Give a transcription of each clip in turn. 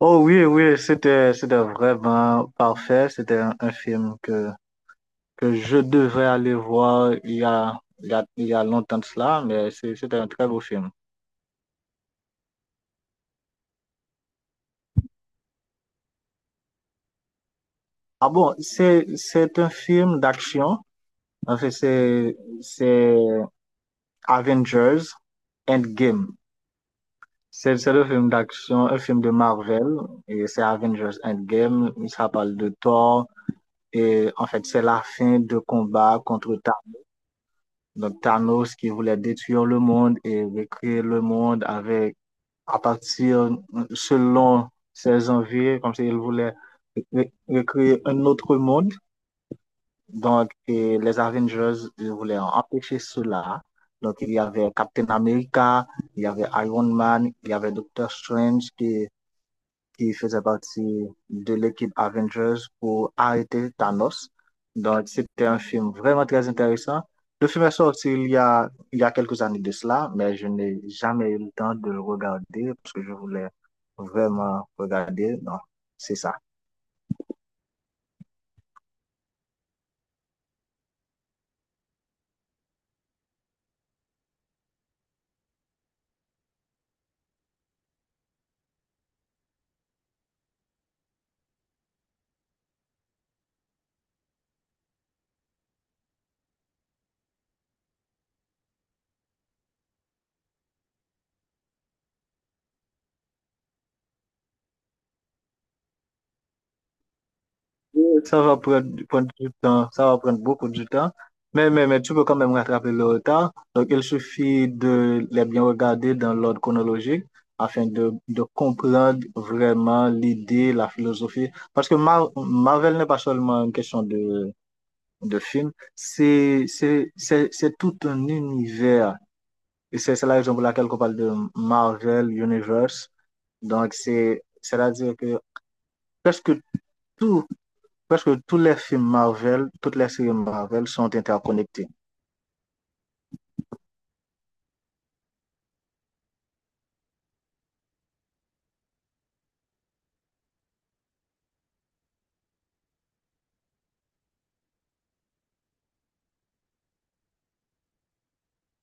Oh oui, oui, c'était vraiment parfait. C'était un film que je devrais aller voir il y a, il y a, il y a longtemps de cela, mais c'était un très beau film. Ah bon, c'est un film d'action. En fait, c'est Avengers Endgame. C'est le film d'action, un film de Marvel, et c'est Avengers Endgame. Ça parle de Thor, et en fait, c'est la fin de combat contre Thanos. Donc Thanos qui voulait détruire le monde et recréer le monde avec, à partir, selon ses envies, comme s'il voulait recréer un autre monde. Donc et les Avengers ils voulaient empêcher cela. Donc il y avait Captain America, il y avait Iron Man, il y avait Doctor Strange qui faisait partie de l'équipe Avengers pour arrêter Thanos. Donc, c'était un film vraiment très intéressant. Le film est sorti il y a quelques années de cela, mais je n'ai jamais eu le temps de le regarder parce que je voulais vraiment regarder. Non, c'est ça. Oui, ça va prendre du temps, ça va prendre beaucoup de temps, mais tu peux quand même rattraper le retard. Donc, il suffit de les bien regarder dans l'ordre chronologique afin de comprendre vraiment l'idée, la philosophie. Parce que Marvel n'est pas seulement une question de film, c'est tout un univers. Et c'est la raison pour laquelle on parle de Marvel Universe. Donc, c'est, c'est-à-dire que presque tout presque tous les films Marvel, toutes les séries Marvel sont interconnectées.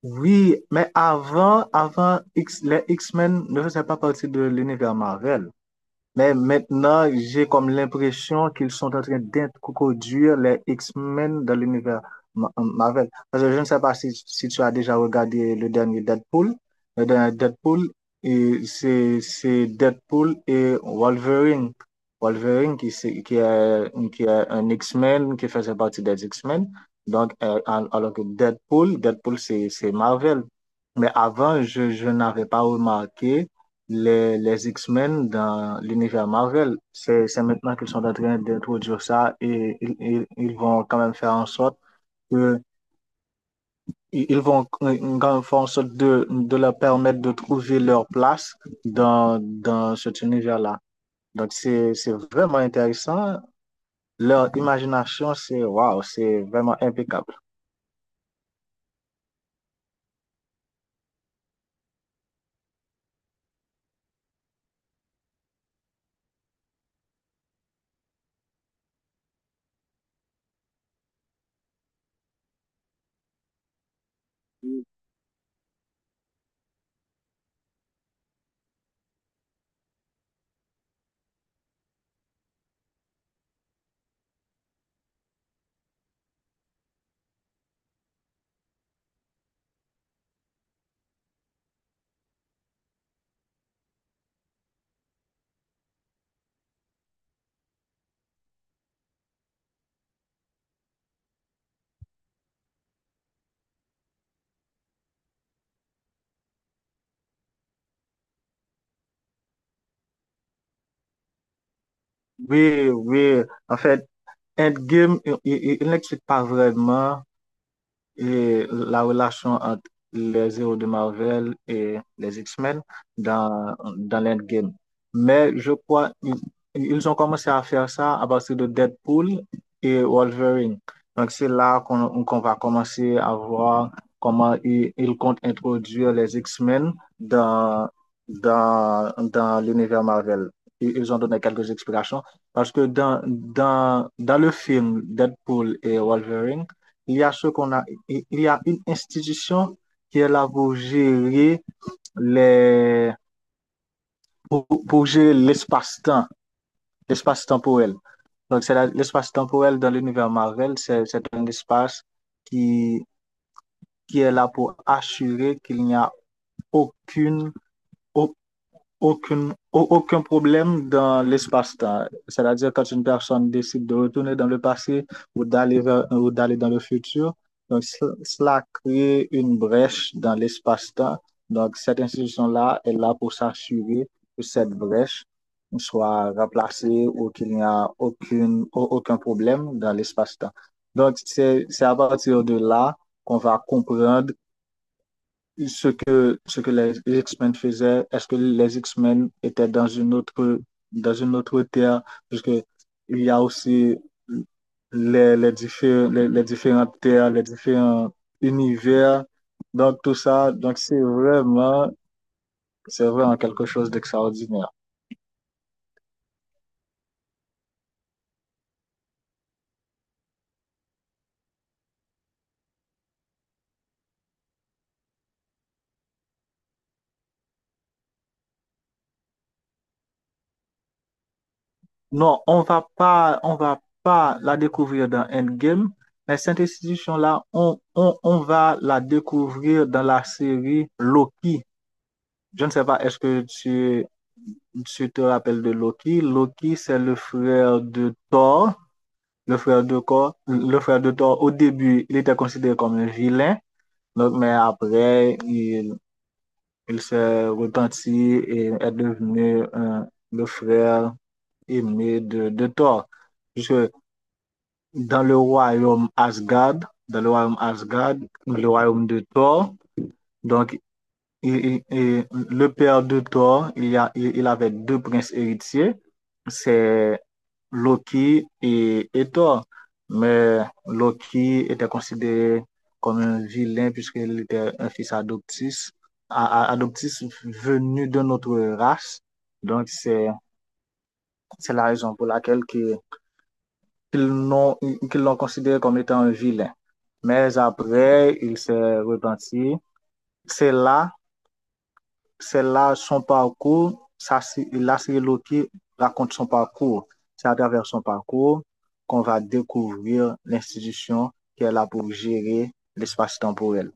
Oui, mais les X-Men ne faisaient pas partie de l'univers Marvel. Mais maintenant, j'ai comme l'impression qu'ils sont en train d'introduire les X-Men dans l'univers Marvel. Parce que je ne sais pas si tu as déjà regardé le dernier Deadpool. Le dernier Deadpool, et c'est Deadpool et Wolverine. Wolverine qui est un X-Men, qui faisait partie des X-Men. Donc, alors que Deadpool, c'est Marvel. Mais avant, je n'avais pas remarqué les X-Men dans l'univers Marvel. C'est maintenant qu'ils sont en train d'introduire ça et ils vont quand même faire en sorte que ils ils vont quand même faire en sorte de leur permettre de trouver leur place dans cet univers-là. Donc, c'est vraiment intéressant. Leur imagination, c'est waouh, c'est vraiment impeccable. Oui, oui. En fait, Endgame, il n'explique pas vraiment et la relation entre les héros de Marvel et les X-Men dans l'Endgame. Mais je crois ils ont commencé à faire ça à partir de Deadpool et Wolverine. Donc c'est là qu'on va commencer à voir comment ils comptent introduire les X-Men dans, dans l'univers Marvel. Ils ont donné quelques explications parce que dans le film Deadpool et Wolverine, il y a ce qu'on a, il y a une institution qui est là pour gérer les, pour gérer l'espace-temps, l'espace temporel. Donc, l'espace temporel dans l'univers Marvel, c'est un espace qui, qui est là pour assurer qu'il n'y a aucune, aucune, aucun problème dans l'espace-temps. C'est-à-dire, quand une personne décide de retourner dans le passé ou d'aller dans le futur, donc, cela crée une brèche dans l'espace-temps. Donc, cette institution-là est là pour s'assurer que cette brèche soit remplacée ou qu'il n'y a aucun problème dans l'espace-temps. Donc, c'est à partir de là qu'on va comprendre ce que les X-Men faisaient, est-ce que les X-Men étaient dans une autre terre, puisque il y a aussi les différentes terres, les différents univers. Donc, tout ça, donc c'est vraiment quelque chose d'extraordinaire. Non, on va pas la découvrir dans Endgame, mais cette institution-là, on va la découvrir dans la série Loki. Je ne sais pas, est-ce que tu te rappelles de Loki? Loki, c'est le frère de Thor, le frère de Thor, le frère de Thor. Au début, il était considéré comme un vilain, donc, mais après, il s'est repenti et est devenu le frère aimé de Thor. Puisque dans le royaume Asgard, dans le royaume Asgard, le royaume de Thor. Donc, le père de Thor, il y a, il avait deux princes héritiers, c'est Loki et Thor. Mais Loki était considéré comme un vilain puisqu'il était un fils adoptif, adoptif venu de notre race. Donc, c'est la raison pour laquelle que qu'ils l'ont qu'ils l'ont considéré comme étant un vilain. Mais après, il s'est repenti. C'est là, c'est là son parcours. C'est qui raconte son parcours. C'est à travers son parcours qu'on va découvrir l'institution qui est là pour gérer l'espace temporel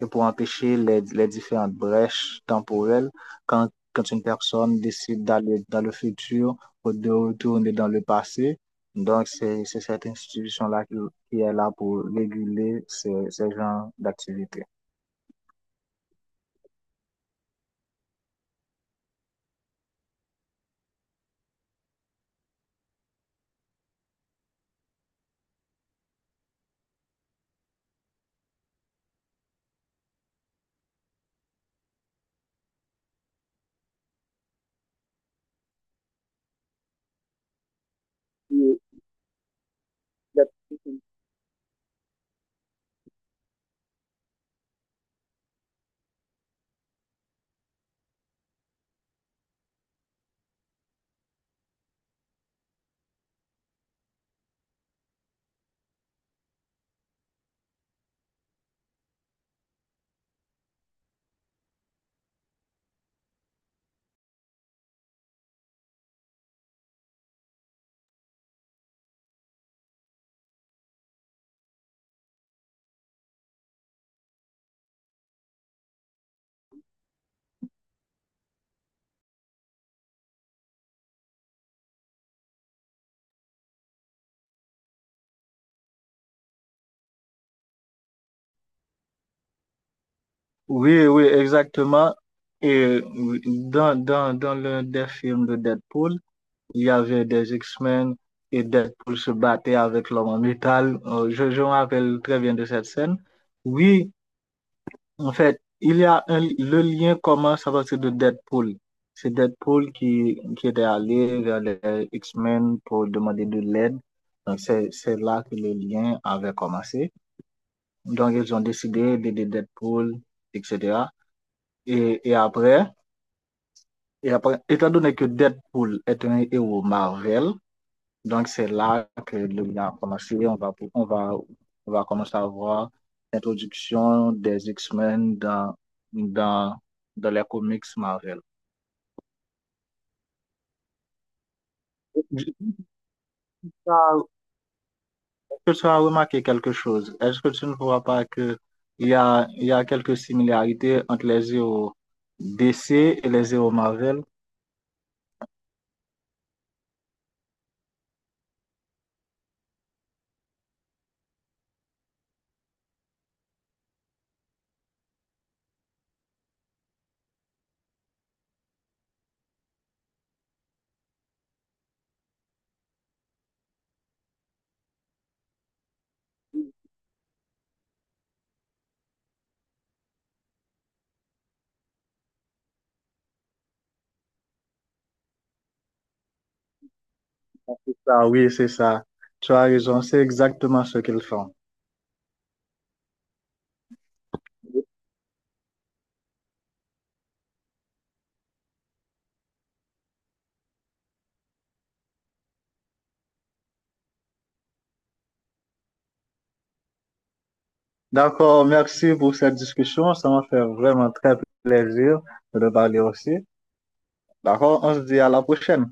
et pour empêcher les différentes brèches temporelles quand une personne décide d'aller dans le futur ou de retourner dans le passé. Donc, c'est cette institution-là qui est là pour réguler ces genres d'activités. Oui, oui, exactement. Et dans l'un des films de Deadpool, il y avait des X-Men et Deadpool se battait avec l'homme en métal. Je me rappelle très bien de cette scène. Oui, en fait, il y a un, le lien commence à partir de Deadpool. C'est Deadpool qui était allé vers les X-Men pour demander de l'aide. Donc, c'est là que le lien avait commencé. Donc, ils ont décidé d'aider Deadpool, etc. Et, et après, et après, étant donné que Deadpool est un héros Marvel, donc, c'est là que le bilan a commencé. On va commencer à voir l'introduction des X-Men dans, dans les comics Marvel. Est-ce que tu as remarqué quelque chose? Est-ce que tu ne vois pas que il y a quelques similarités entre les héros DC et les héros Marvel? Ah oui, c'est ça. Tu as raison, c'est exactement ce qu'ils font. D'accord, merci pour cette discussion. Ça m'a fait vraiment très plaisir de parler aussi. D'accord, on se dit à la prochaine.